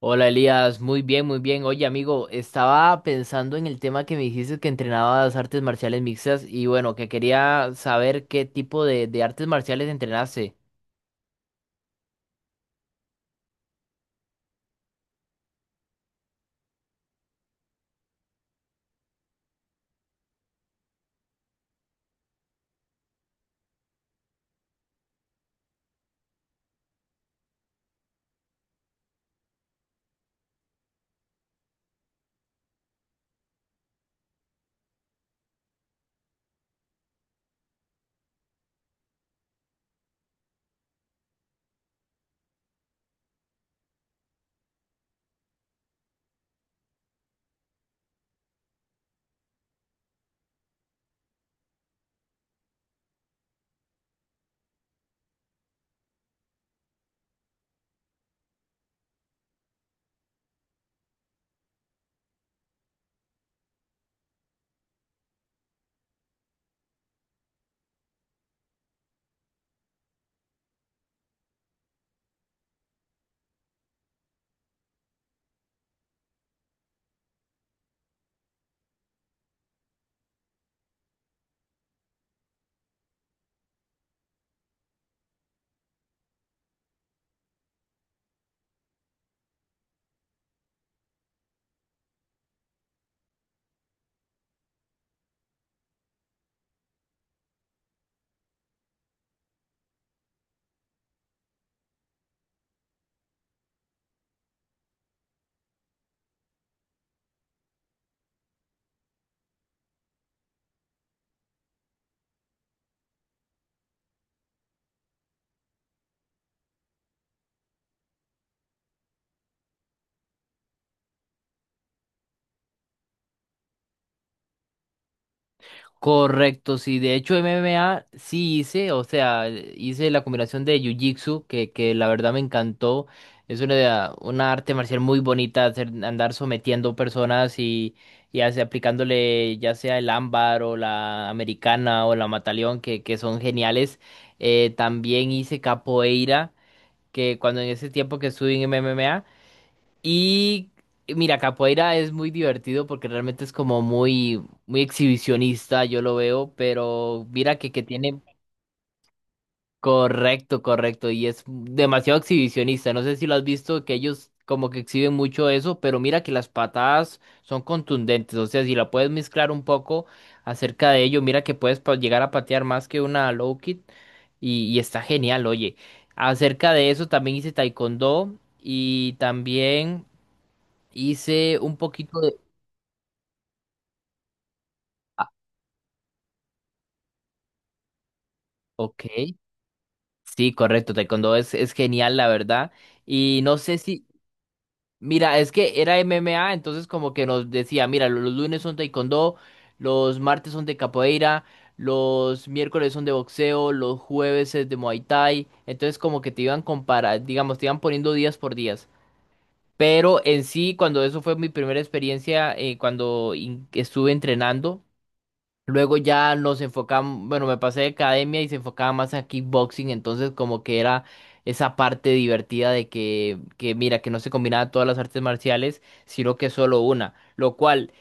Hola Elías, muy bien, muy bien. Oye amigo, estaba pensando en el tema que me dijiste que entrenabas artes marciales mixtas y bueno, que quería saber qué tipo de artes marciales entrenaste. Correcto, sí. De hecho, MMA sí hice, o sea, hice la combinación de Jiu-Jitsu, que la verdad me encantó. Es una arte marcial muy bonita, andar sometiendo personas y, aplicándole ya sea el ámbar o la americana o la mataleón, que son geniales. También hice capoeira, que cuando en ese tiempo que estuve en MMA. Y mira, capoeira es muy divertido porque realmente es como muy, muy exhibicionista, yo lo veo, pero mira que tiene correcto, correcto, y es demasiado exhibicionista. No sé si lo has visto, que ellos como que exhiben mucho eso, pero mira que las patadas son contundentes. O sea, si la puedes mezclar un poco acerca de ello, mira que puedes llegar a patear más que una low kick y está genial, oye. Acerca de eso también hice taekwondo y también. Hice un poquito de... Ah, ok, sí, correcto, taekwondo es genial, la verdad. Y no sé si... Mira, es que era MMA, entonces como que nos decía, mira, los lunes son taekwondo, los martes son de capoeira, los miércoles son de boxeo, los jueves es de Muay Thai. Entonces como que te iban comparar, digamos, te iban poniendo días por días. Pero en sí, cuando eso fue mi primera experiencia, cuando estuve entrenando. Luego ya nos enfocamos, bueno, me pasé de academia y se enfocaba más a kickboxing, entonces como que era esa parte divertida de que mira, que no se combinaban todas las artes marciales, sino que solo una, lo cual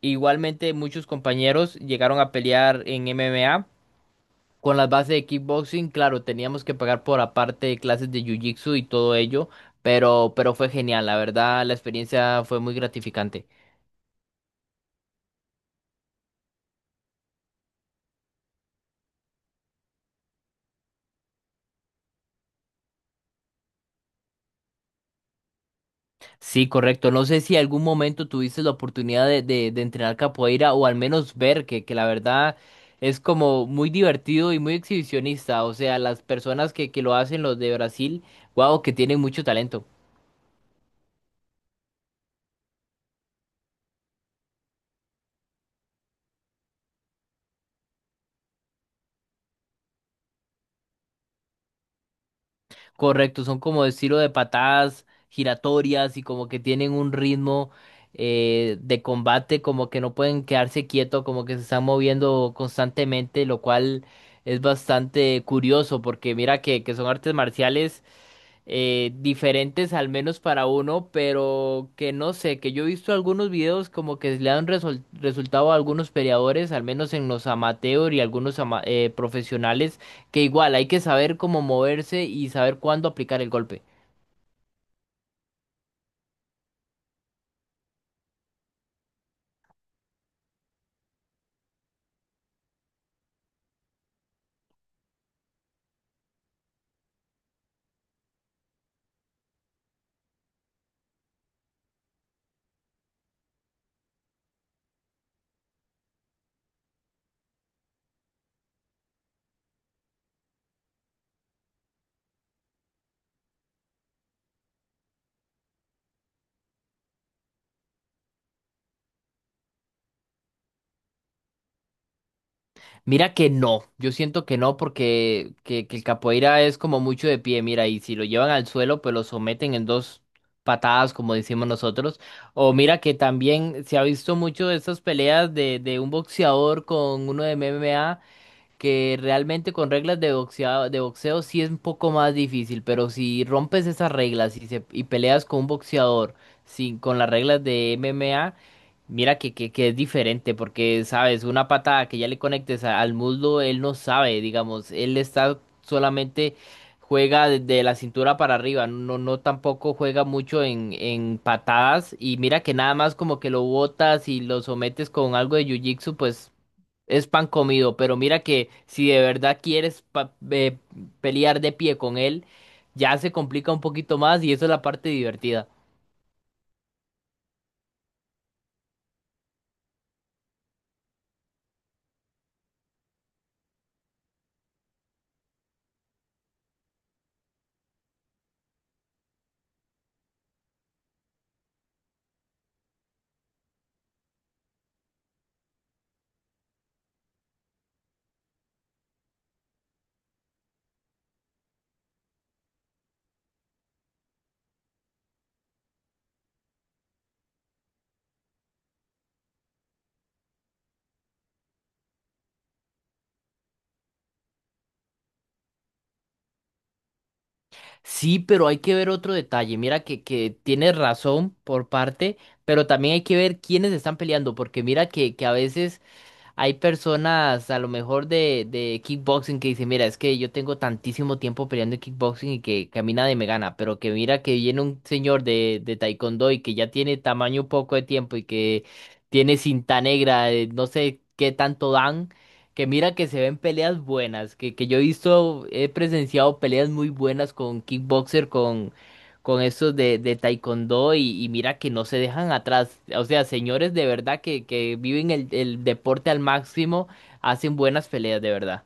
igualmente muchos compañeros llegaron a pelear en MMA con las bases de kickboxing, claro, teníamos que pagar por aparte de clases de jiu-jitsu y todo ello, pero fue genial, la verdad, la experiencia fue muy gratificante. Sí, correcto. No sé si algún momento tuviste la oportunidad de entrenar capoeira o al menos ver que la verdad es como muy divertido y muy exhibicionista. O sea, las personas que lo hacen, los de Brasil, wow, que tienen mucho talento. Correcto, son como de estilo de patadas giratorias y como que tienen un ritmo de combate, como que no pueden quedarse quietos, como que se están moviendo constantemente, lo cual es bastante curioso porque mira que son artes marciales diferentes al menos para uno, pero que no sé, que yo he visto algunos videos como que le han resultado a algunos peleadores, al menos en los amateur y algunos profesionales, que igual hay que saber cómo moverse y saber cuándo aplicar el golpe. Mira que no, yo siento que no porque que el capoeira es como mucho de pie, mira, y si lo llevan al suelo, pues lo someten en dos patadas, como decimos nosotros. O mira que también se ha visto mucho de estas peleas de un boxeador con uno de MMA que realmente con reglas de boxeo sí es un poco más difícil, pero si rompes esas reglas y, se, y peleas con un boxeador sin, con las reglas de MMA, mira que es diferente, porque sabes, una patada que ya le conectes al muslo, él no sabe, digamos, él está solamente juega desde la cintura para arriba, no, no tampoco juega mucho en patadas y mira que nada más como que lo botas y lo sometes con algo de jiu-jitsu, pues es pan comido, pero mira que si de verdad quieres pelear de pie con él, ya se complica un poquito más y eso es la parte divertida. Sí, pero hay que ver otro detalle. Mira que tienes razón por parte, pero también hay que ver quiénes están peleando, porque mira que a veces hay personas a lo mejor de kickboxing que dicen, mira, es que yo tengo tantísimo tiempo peleando en kickboxing y que camina y me gana, pero que mira que viene un señor de taekwondo y que ya tiene tamaño poco de tiempo y que tiene cinta negra, no sé qué tanto dan, que mira que se ven peleas buenas, que yo he visto, he presenciado peleas muy buenas con kickboxer, con estos de taekwondo y mira que no se dejan atrás. O sea, señores de verdad que viven el deporte al máximo, hacen buenas peleas de verdad.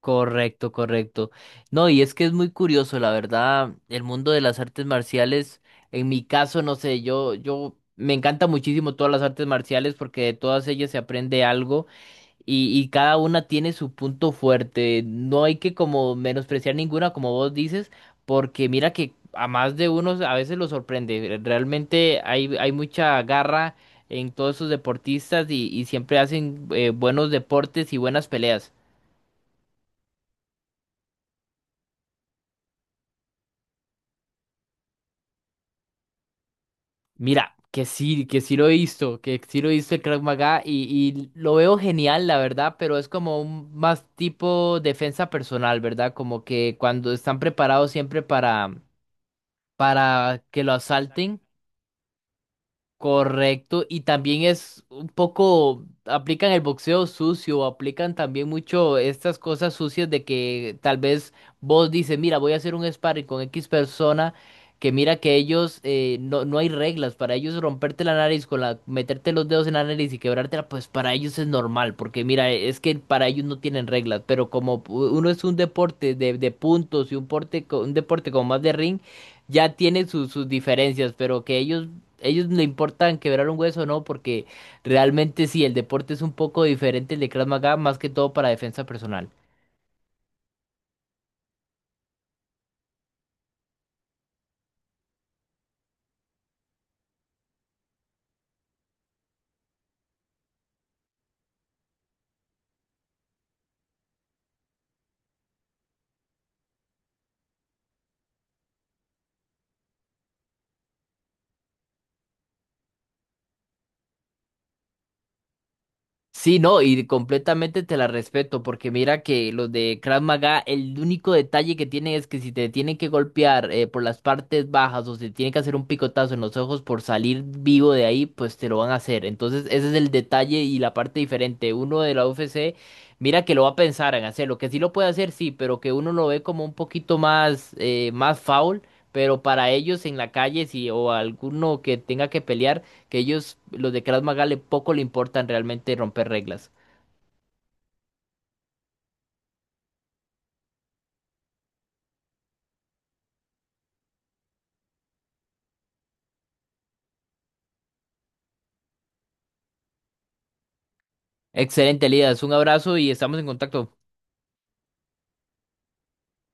Correcto, correcto. No, y es que es muy curioso, la verdad, el mundo de las artes marciales, en mi caso, no sé, yo me encanta muchísimo todas las artes marciales porque de todas ellas se aprende algo. Y, y cada una tiene su punto fuerte. No hay que como menospreciar ninguna, como vos dices, porque mira que a más de unos a veces lo sorprende. Realmente hay, hay mucha garra en todos esos deportistas y siempre hacen buenos deportes y buenas peleas. Mira, que sí lo he visto, que sí lo he visto el Krav Maga y lo veo genial, la verdad, pero es como un más tipo defensa personal, ¿verdad? Como que cuando están preparados siempre para que lo asalten. Correcto, y también es un poco, aplican el boxeo sucio, aplican también mucho estas cosas sucias de que tal vez vos dices, mira, voy a hacer un sparring con X persona, que mira que ellos, no, no hay reglas, para ellos romperte la nariz con la, meterte los dedos en la nariz y quebrártela, pues para ellos es normal, porque mira, es que para ellos no tienen reglas, pero como uno es un deporte de puntos y un, porte, un deporte como más de ring, ya tiene sus sus diferencias, pero que ellos ellos le importan quebrar un hueso o no, porque realmente sí, el deporte es un poco diferente el de Krav Maga, más que todo para defensa personal. Sí, no, y completamente te la respeto, porque mira que los de Krav Maga, el único detalle que tienen es que si te tienen que golpear por las partes bajas o si tienen que hacer un picotazo en los ojos por salir vivo de ahí, pues te lo van a hacer. Entonces, ese es el detalle y la parte diferente. Uno de la UFC, mira que lo va a pensar en hacerlo, que sí lo puede hacer, sí, pero que uno lo ve como un poquito más, más foul, pero para ellos en la calle, sí, o alguno que tenga que pelear que ellos, los de Krav Maga, le poco le importan realmente romper reglas. Excelente, Lidas. Un abrazo y estamos en contacto.